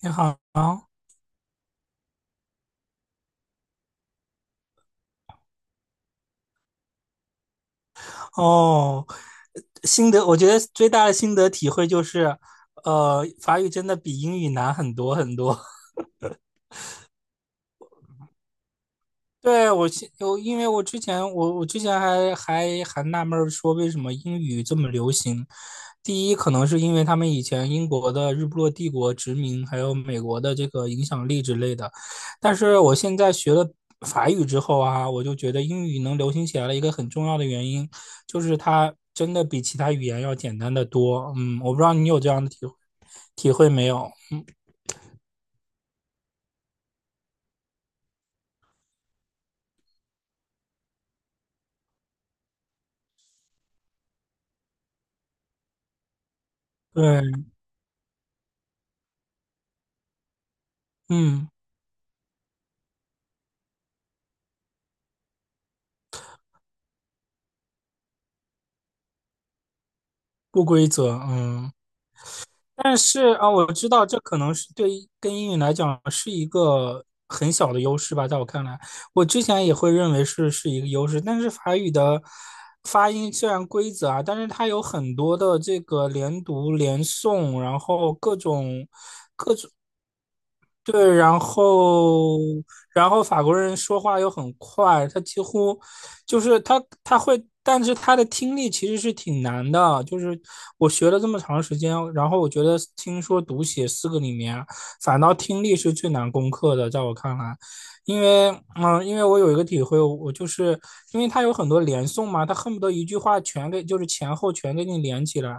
你好，哦，心得，我觉得最大的心得体会就是，法语真的比英语难很多很多。对，我现我因为我之前我我之前还还还纳闷儿说为什么英语这么流行。第一，可能是因为他们以前英国的日不落帝国殖民，还有美国的这个影响力之类的。但是我现在学了法语之后啊，我就觉得英语能流行起来的一个很重要的原因，就是它真的比其他语言要简单的多。嗯，我不知道你有这样的体会没有？对，嗯，不规则，嗯。但是啊，我知道这可能是对于跟英语来讲是一个很小的优势吧，在我看来，我之前也会认为是一个优势，但是法语的发音虽然规则啊，但是它有很多的这个连读、连诵，然后各种对，然后法国人说话又很快，他几乎就是他会，但是他的听力其实是挺难的。就是我学了这么长时间，然后我觉得听说读写四个里面，反倒听力是最难攻克的，在我看来，因为因为我有一个体会，我就是因为他有很多连诵嘛，他恨不得一句话全给，就是前后全给你连起来。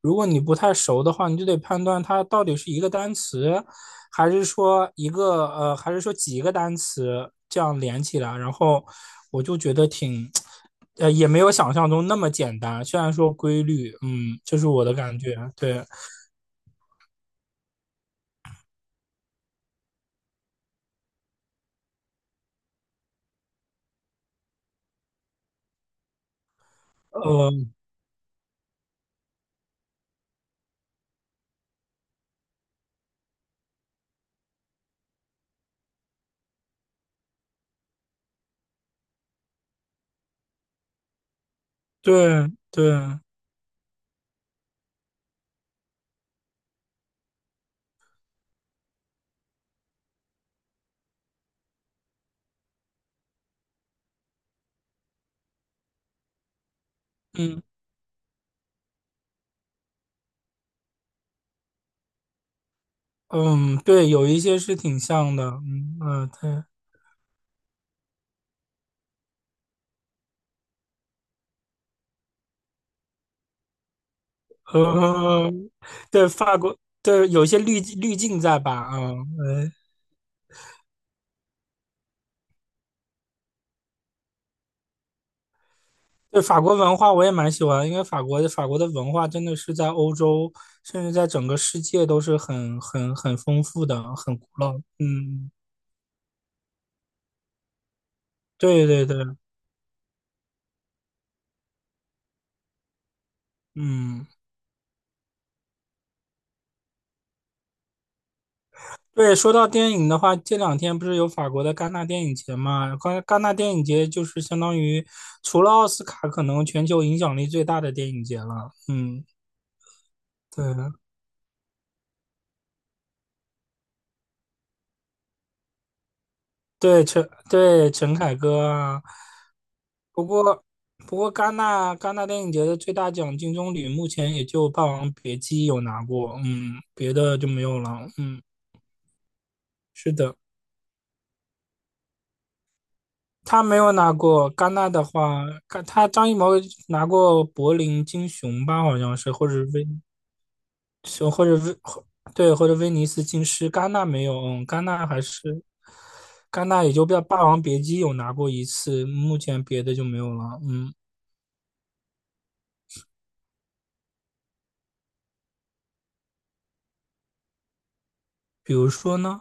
如果你不太熟的话，你就得判断它到底是一个单词，还是说一个还是说几个单词这样连起来？然后我就觉得挺，也没有想象中那么简单。虽然说规律，嗯，这是我的感觉。对，呃，对对，嗯嗯，对，有一些是挺像的，嗯嗯、对，对，法国，对，有一些滤镜在吧？嗯、对法国文化我也蛮喜欢，因为法国的文化真的是在欧洲，甚至在整个世界都是很丰富的，很古老。嗯，对对对，嗯，对。说到电影的话，这两天不是有法国的戛纳电影节嘛？戛纳电影节就是相当于除了奥斯卡，可能全球影响力最大的电影节了。嗯，对。对陈凯歌啊，不过不过戛纳电影节的最大奖金棕榈目前也就《霸王别姬》有拿过，嗯，别的就没有了，嗯，是的，他没有拿过戛纳的话，张艺谋拿过柏林金熊吧，好像是，是或者威对或者威尼斯金狮，戛纳没有，嗯，戛纳还是戛纳也就霸王别姬》有拿过一次，目前别的就没有了，嗯。比如说呢？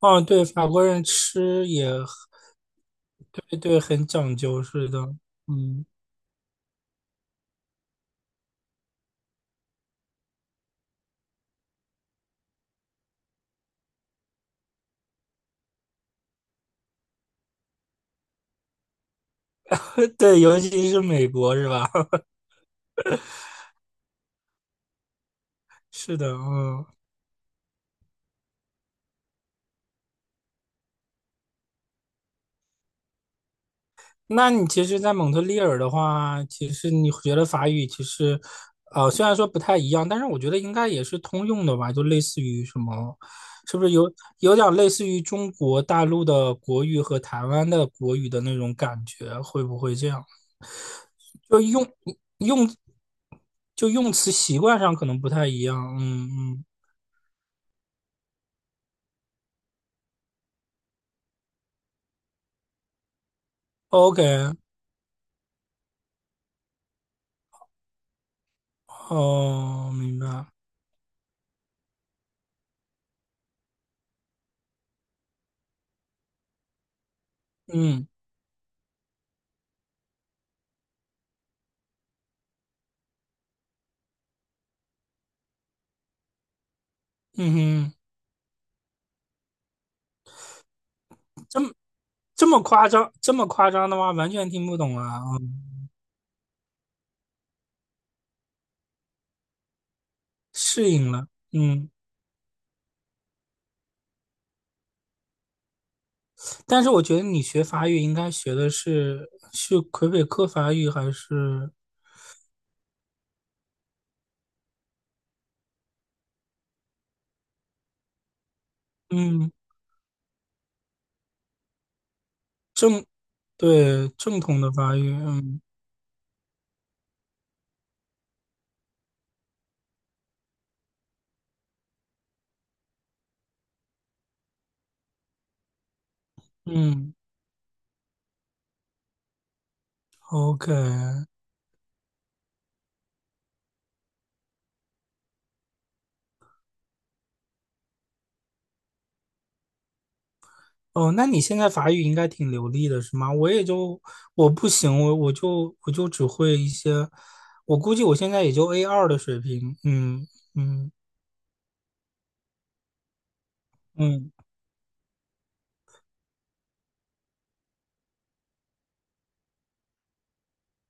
哦，对，法国人吃也对对，很讲究，是的，嗯，对，尤其是美国是吧？是的，嗯，那你其实，在蒙特利尔的话，其实你学了法语，其实，虽然说不太一样，但是我觉得应该也是通用的吧，就类似于什么，是不是有点类似于中国大陆的国语和台湾的国语的那种感觉？会不会这样？就用用就用词习惯上可能不太一样，嗯嗯，OK，哦，明白，嗯嗯哼，这么这么夸张的话，完全听不懂啊，嗯适应了，嗯，但是我觉得你学法语应该学的是魁北克法语还是嗯正对正统的法语，嗯嗯，OK。哦，那你现在法语应该挺流利的，是吗？我也就不行，我只会一些，我估计我现在也就 A2的水平。嗯嗯嗯。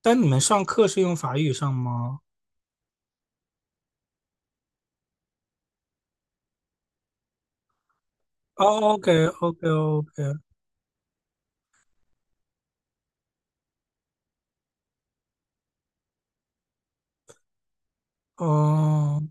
但你们上课是用法语上吗？哦，OK OK OK。哦，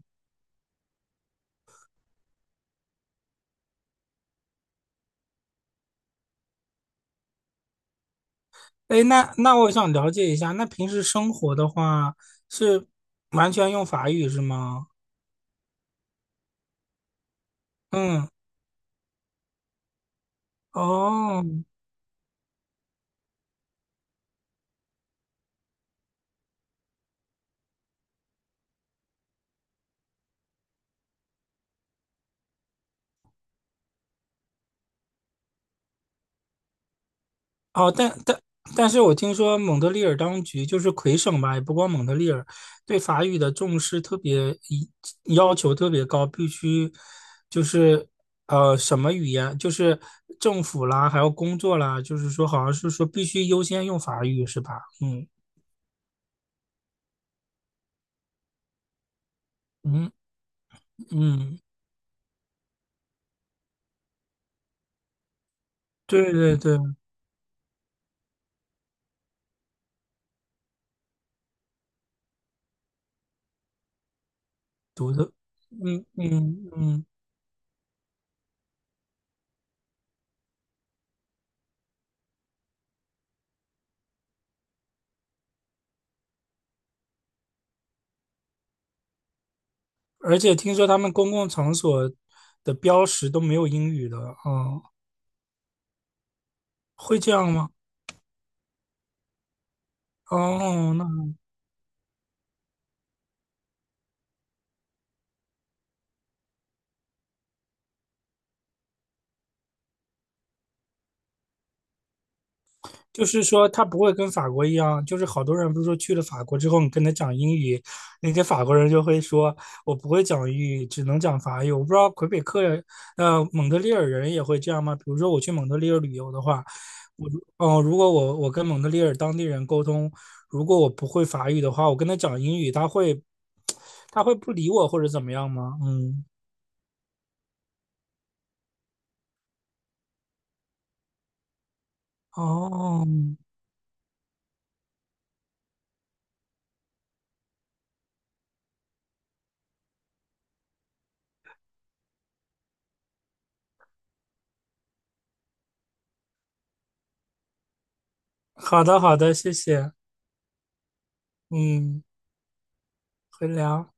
哎，那我想了解一下，那平时生活的话是完全用法语是吗？嗯，哦。哦，但是我听说蒙特利尔当局就是魁省吧，也不光蒙特利尔，对法语的重视特别要求特别高，必须就是什么语言，就是政府啦，还有工作啦，就是说好像是说必须优先用法语是吧？嗯嗯嗯，对对对，独特，嗯嗯嗯，而且听说他们公共场所的标识都没有英语的，哦，会这样吗？哦，那。就是说，他不会跟法国一样，就是好多人不是说去了法国之后，你跟他讲英语，那些法国人就会说，我不会讲英语，只能讲法语。我不知道魁北克人，蒙特利尔人也会这样吗？比如说我去蒙特利尔旅游的话，哦，如果我跟蒙特利尔当地人沟通，如果我不会法语的话，我跟他讲英语，他会不理我或者怎么样吗？嗯，哦，好的好的，谢谢，嗯，回聊。